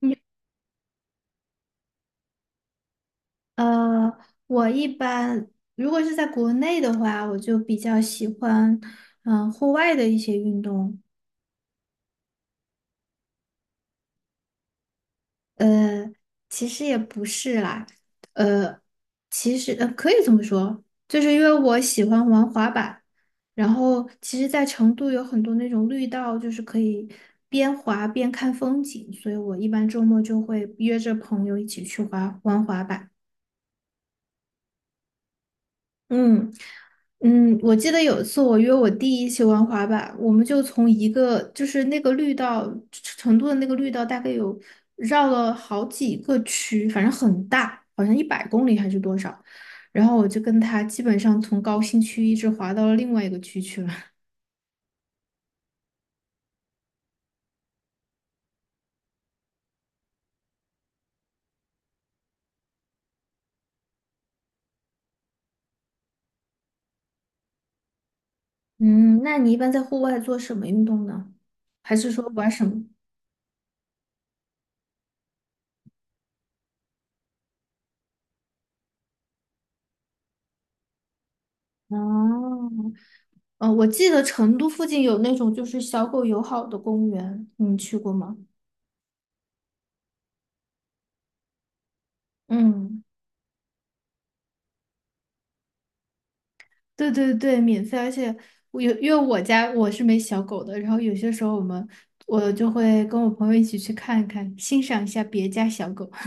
你呃，我一般如果是在国内的话，我就比较喜欢户外的一些运动。呃，其实也不是啦，呃，其实可以这么说，就是因为我喜欢玩滑板，然后其实，在成都有很多那种绿道，就是可以边滑边看风景，所以我一般周末就会约着朋友一起去滑玩滑板。嗯嗯，我记得有一次我约我弟一起玩滑板，我们就从一个就是那个绿道，成都的那个绿道大概有绕了好几个区，反正很大，好像100公里还是多少。然后我就跟他基本上从高新区一直滑到了另外一个区去了。嗯，那你一般在户外做什么运动呢？还是说玩什么？哦，我记得成都附近有那种就是小狗友好的公园，你去过吗？嗯。对对对，免费，而且我有，因为我家我是没小狗的，然后有些时候我就会跟我朋友一起去看看，欣赏一下别家小狗。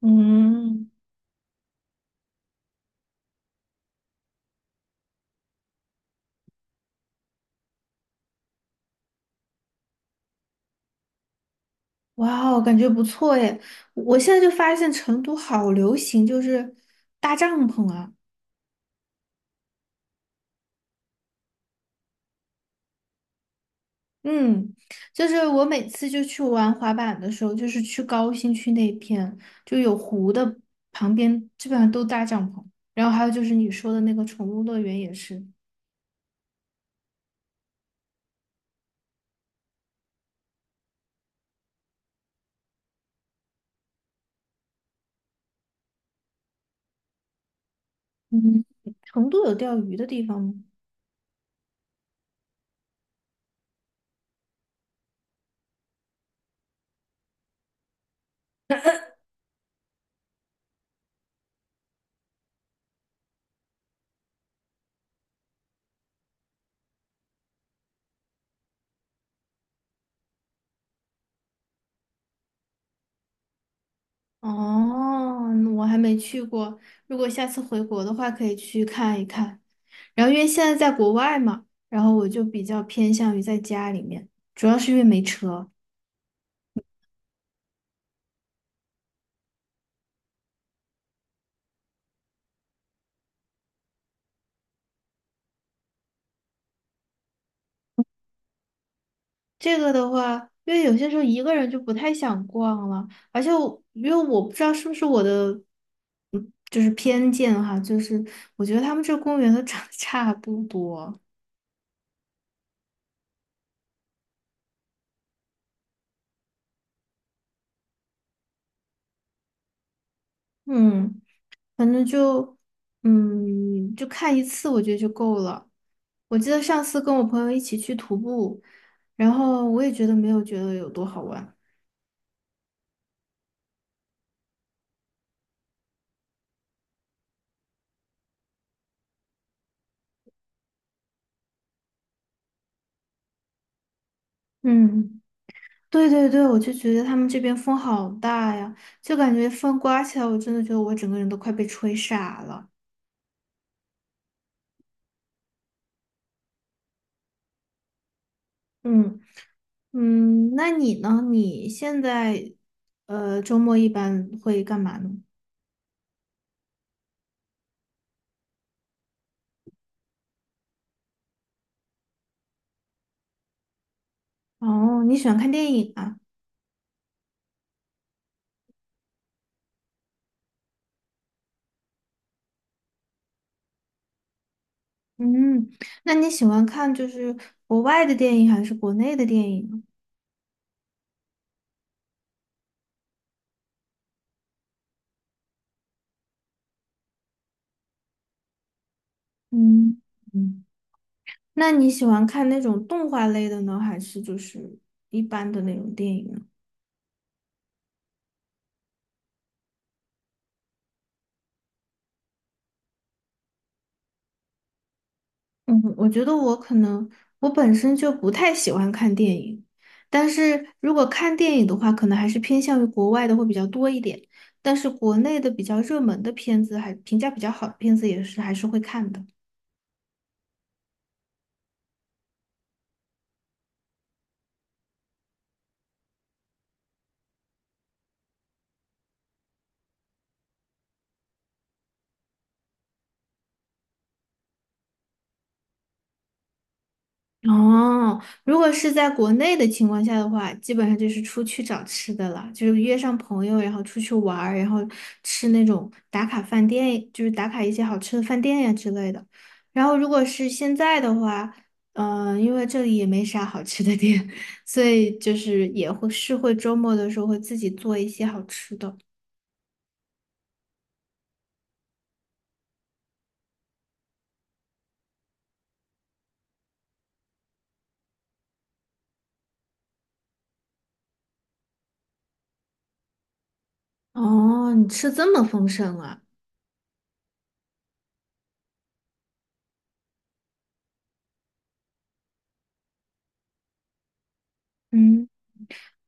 嗯，哇哦，感觉不错耶！我现在就发现成都好流行，就是搭帐篷啊。嗯，就是我每次就去玩滑板的时候，就是去高新区那片，就有湖的旁边，基本上都搭帐篷。然后还有就是你说的那个宠物乐园也是。嗯，成都有钓鱼的地方吗？哦，我还没去过。如果下次回国的话，可以去看一看。然后因为现在在国外嘛，然后我就比较偏向于在家里面，主要是因为没车。这个的话，因为有些时候一个人就不太想逛了，而且我因为我不知道是不是我的，嗯，就是偏见哈，就是我觉得他们这公园都 长得差不多，嗯。反正就，嗯，就看一次，我觉得就够了。我记得上次跟我朋友一起去徒步，然后我也觉得没有觉得有多好玩。嗯，对对对，我就觉得他们这边风好大呀，就感觉风刮起来，我真的觉得我整个人都快被吹傻了。嗯嗯，那你呢？你现在周末一般会干嘛呢？哦，你喜欢看电影啊？嗯，那你喜欢看就是国外的电影还是国内的电影呢嗯嗯，那你喜欢看那种动画类的呢，还是就是一般的那种电影呢？嗯，我觉得我可能我本身就不太喜欢看电影，但是如果看电影的话，可能还是偏向于国外的会比较多一点，但是国内的比较热门的片子还评价比较好的片子也是还是会看的。哦，如果是在国内的情况下的话，基本上就是出去找吃的了，就是约上朋友，然后出去玩儿，然后吃那种打卡饭店，就是打卡一些好吃的饭店呀之类的。然后如果是现在的话，因为这里也没啥好吃的店，所以就是也会是会周末的时候会自己做一些好吃的。哦，你吃这么丰盛啊？嗯。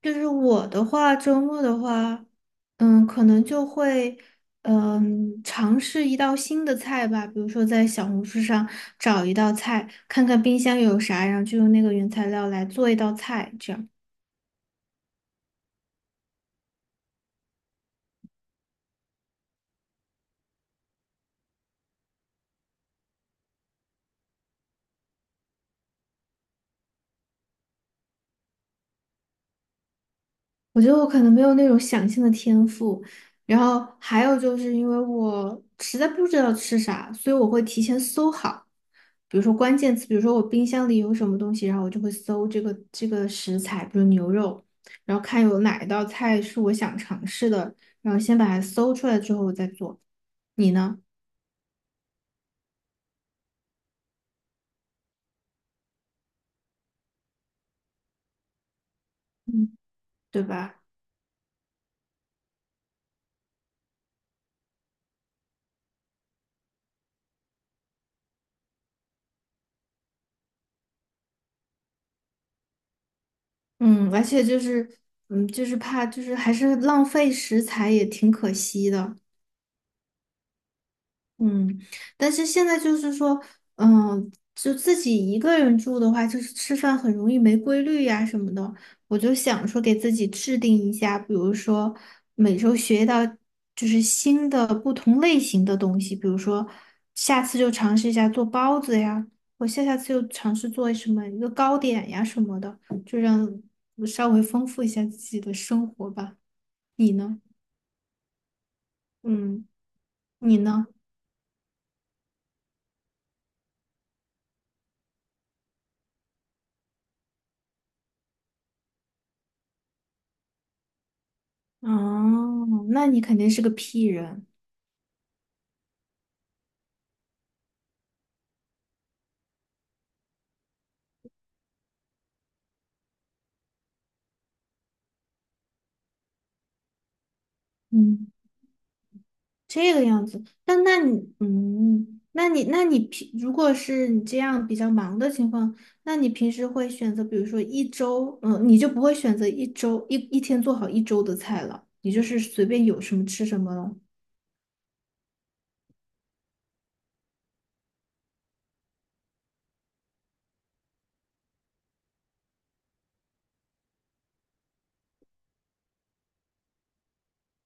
就是我的话，周末的话，可能就会，尝试一道新的菜吧，比如说在小红书上找一道菜，看看冰箱有啥，然后就用那个原材料来做一道菜，这样。我觉得我可能没有那种想象的天赋，然后还有就是因为我实在不知道吃啥，所以我会提前搜好。比如说关键词，比如说我冰箱里有什么东西，然后我就会搜这个食材，比如牛肉，然后看有哪一道菜是我想尝试的，然后先把它搜出来之后我再做。你呢？嗯，对吧？嗯，而且就是，就是怕就是还是浪费食材也挺可惜的。嗯，但是现在就是说，就自己一个人住的话，就是吃饭很容易没规律呀、什么的。我就想说，给自己制定一下，比如说每周学到就是新的不同类型的东西，比如说下次就尝试一下做包子呀，我下下次又尝试做什么一个糕点呀什么的，就让我稍微丰富一下自己的生活吧。你呢？嗯，你呢？哦，那你肯定是个 P 人。嗯，这个样子。那你如果是你这样比较忙的情况，那你平时会选择，比如说一周，嗯，你就不会选择一周一天做好一周的菜了，你就是随便有什么吃什么了。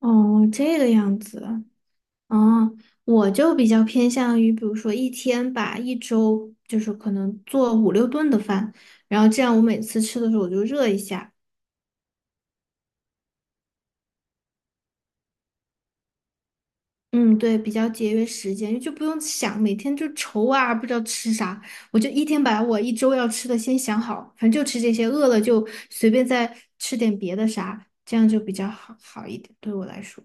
哦，这个样子。哦，我就比较偏向于，比如说一天吧，一周就是可能做5、6顿的饭，然后这样我每次吃的时候我就热一下。嗯，对，比较节约时间，就不用想每天就愁啊，不知道吃啥，我就一天把我一周要吃的先想好，反正就吃这些，饿了就随便再吃点别的啥，这样就比较好一点，对我来说。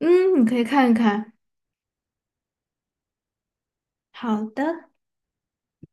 嗯，你可以看一看。好的。